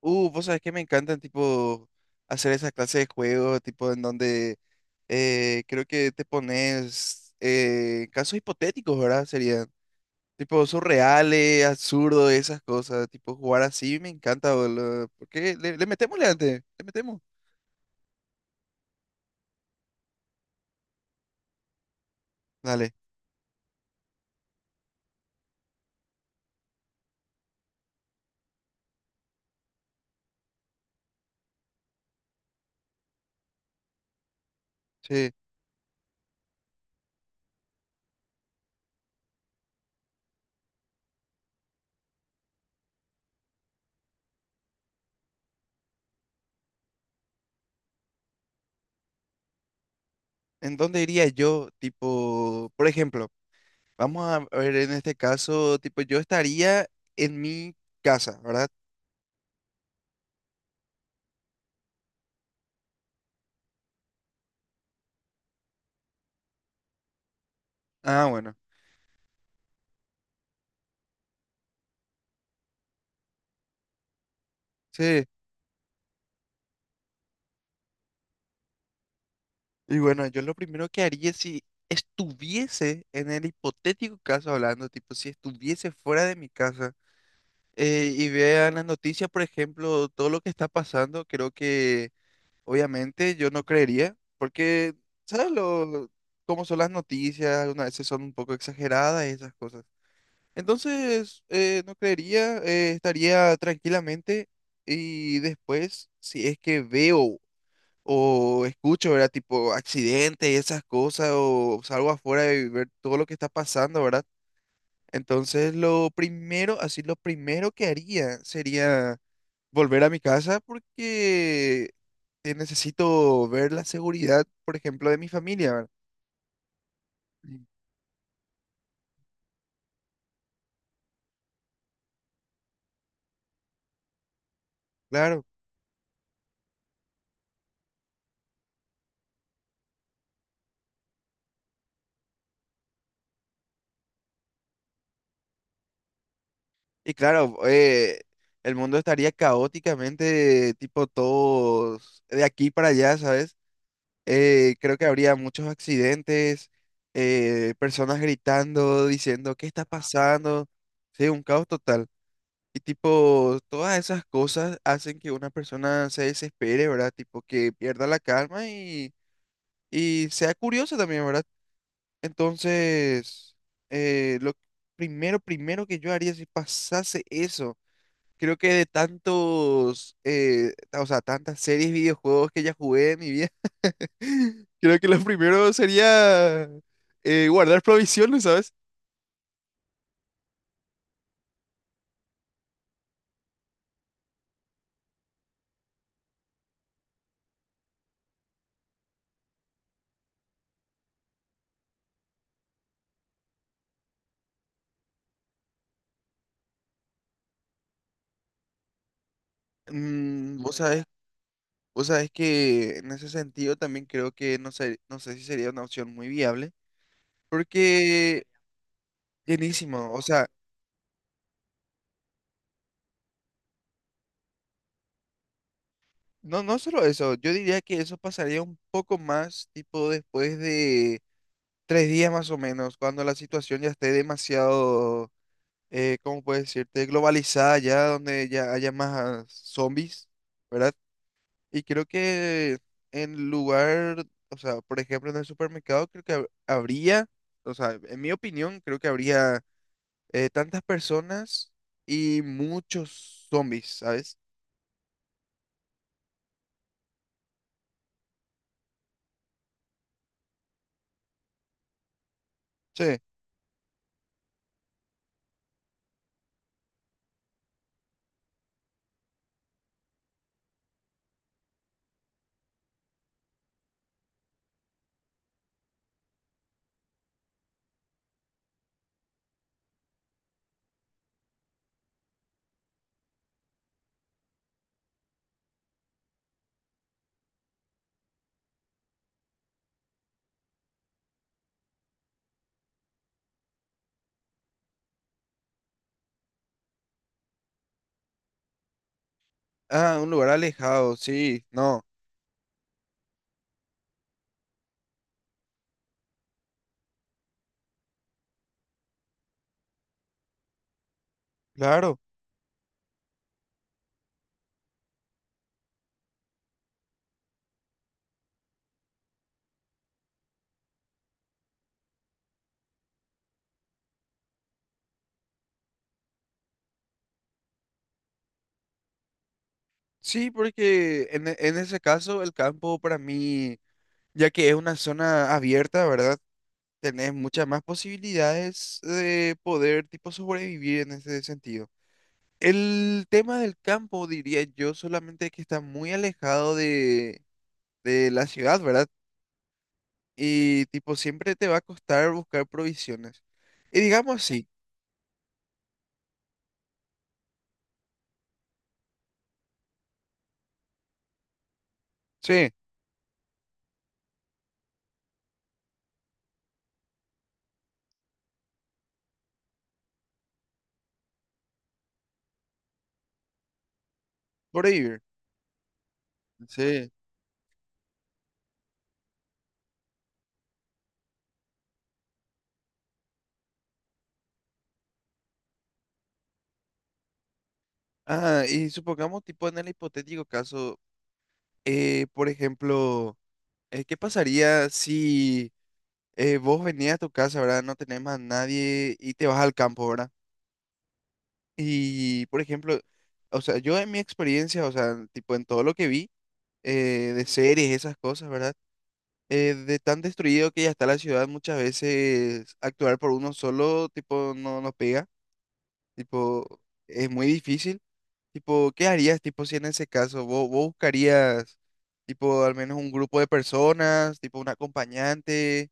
Vos sabés que me encantan, tipo, hacer esa clase de juegos, tipo, en donde creo que te pones casos hipotéticos, ¿verdad? Serían, tipo, surreales, absurdos, esas cosas, tipo, jugar así me encanta, boludo. ¿Por qué? Le metemos, antes, le metemos. Dale, sí. ¿En dónde iría yo? Tipo, por ejemplo, vamos a ver en este caso, tipo, yo estaría en mi casa, ¿verdad? Ah, bueno, sí. Y bueno, yo lo primero que haría si estuviese en el hipotético caso hablando, tipo, si estuviese fuera de mi casa y vean las noticias, por ejemplo, todo lo que está pasando, creo que obviamente yo no creería, porque, ¿sabes lo, cómo son las noticias? Algunas veces son un poco exageradas y esas cosas. Entonces, no creería, estaría tranquilamente y después, si es que veo o escucho, ¿verdad? Tipo accidentes y esas cosas, o salgo afuera y ver todo lo que está pasando, ¿verdad? Entonces, lo primero, así, lo primero que haría sería volver a mi casa porque necesito ver la seguridad, por ejemplo, de mi familia, ¿verdad? Mm. Claro. Y claro, el mundo estaría caóticamente, tipo todos de aquí para allá, ¿sabes? Creo que habría muchos accidentes, personas gritando, diciendo, ¿qué está pasando? Sí, un caos total. Y tipo, todas esas cosas hacen que una persona se desespere, ¿verdad? Tipo, que pierda la calma y sea curiosa también, ¿verdad? Entonces, lo primero, primero que yo haría si pasase eso. Creo que de tantos, o sea, tantas series, videojuegos que ya jugué en mi vida, creo que lo primero sería guardar provisiones, ¿sabes? Mm, vos sabés que en ese sentido también creo que no sé, no sé si sería una opción muy viable, porque llenísimo, o sea, no, no solo eso, yo diría que eso pasaría un poco más, tipo después de tres días más o menos, cuando la situación ya esté demasiado ¿cómo puedes decirte? Globalizada ya, donde ya haya más zombies, ¿verdad? Y creo que en lugar, o sea, por ejemplo, en el supermercado, creo que habría, o sea, en mi opinión, creo que habría tantas personas y muchos zombies, ¿sabes? Sí. Ah, un lugar alejado, sí, no, claro. Sí, porque en, en ese caso el campo para mí, ya que es una zona abierta, ¿verdad? Tenés muchas más posibilidades de poder tipo sobrevivir en ese sentido. El tema del campo, diría yo, solamente que está muy alejado de la ciudad, ¿verdad? Y tipo siempre te va a costar buscar provisiones. Y digamos así, sí, sobrevivir. Sí. Ah, y supongamos tipo en el hipotético caso, por ejemplo, ¿qué pasaría si vos venías a tu casa, ¿verdad? No tenés más nadie y te vas al campo, ¿verdad? Y, por ejemplo, o sea, yo en mi experiencia, o sea, tipo en todo lo que vi de series, esas cosas, ¿verdad? De tan destruido que ya está la ciudad, muchas veces actuar por uno solo, tipo, no nos pega, tipo, es muy difícil. Tipo, ¿qué harías, tipo, si en ese caso vos buscarías, tipo, al menos un grupo de personas, tipo, un acompañante?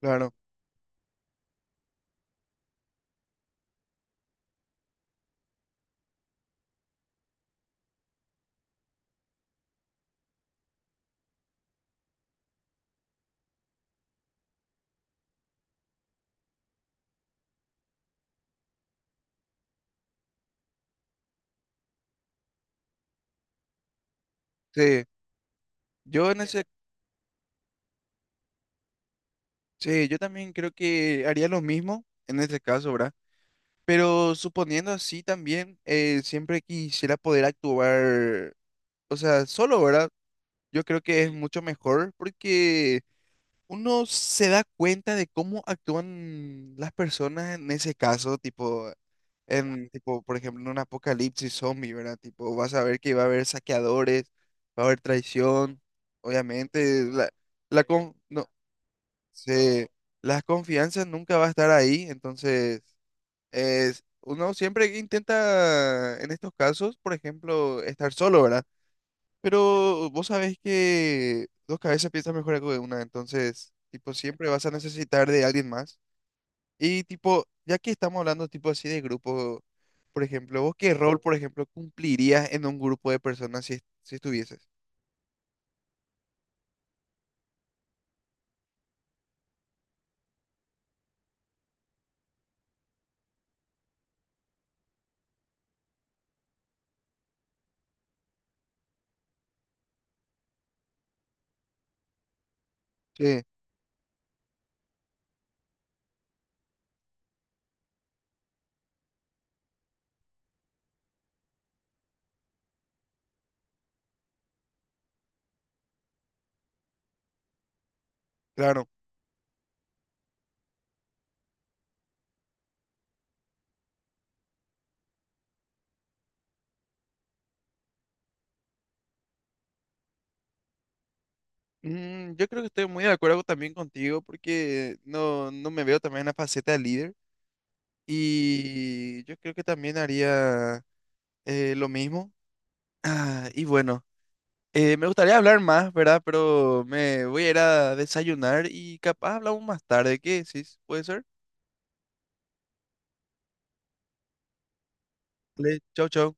Claro, sí. Yo en ese, sí, yo también creo que haría lo mismo en ese caso, ¿verdad? Pero suponiendo así también, siempre quisiera poder actuar, o sea, solo, ¿verdad? Yo creo que es mucho mejor porque uno se da cuenta de cómo actúan las personas en ese caso, tipo, en, tipo, por ejemplo, en un apocalipsis zombie, ¿verdad? Tipo, vas a ver que va a haber saqueadores, va a haber traición, obviamente, la, no, se, la confianza nunca va a estar ahí, entonces uno siempre intenta, en estos casos, por ejemplo, estar solo, ¿verdad? Pero vos sabés que dos cabezas piensan mejor que una, entonces, tipo, siempre vas a necesitar de alguien más. Y, tipo, ya que estamos hablando, tipo, así de grupo, por ejemplo, ¿vos qué rol, por ejemplo, cumplirías en un grupo de personas si, si estuvieses? Sí, claro. Mm, yo creo que estoy muy de acuerdo también contigo porque no, no me veo también en la faceta de líder. Y yo creo que también haría eh, lo mismo. Ah, y bueno, me gustaría hablar más, ¿verdad? Pero me voy a ir a desayunar y capaz hablamos más tarde. ¿Qué decís? ¿Puede ser? Dale, chau, chau.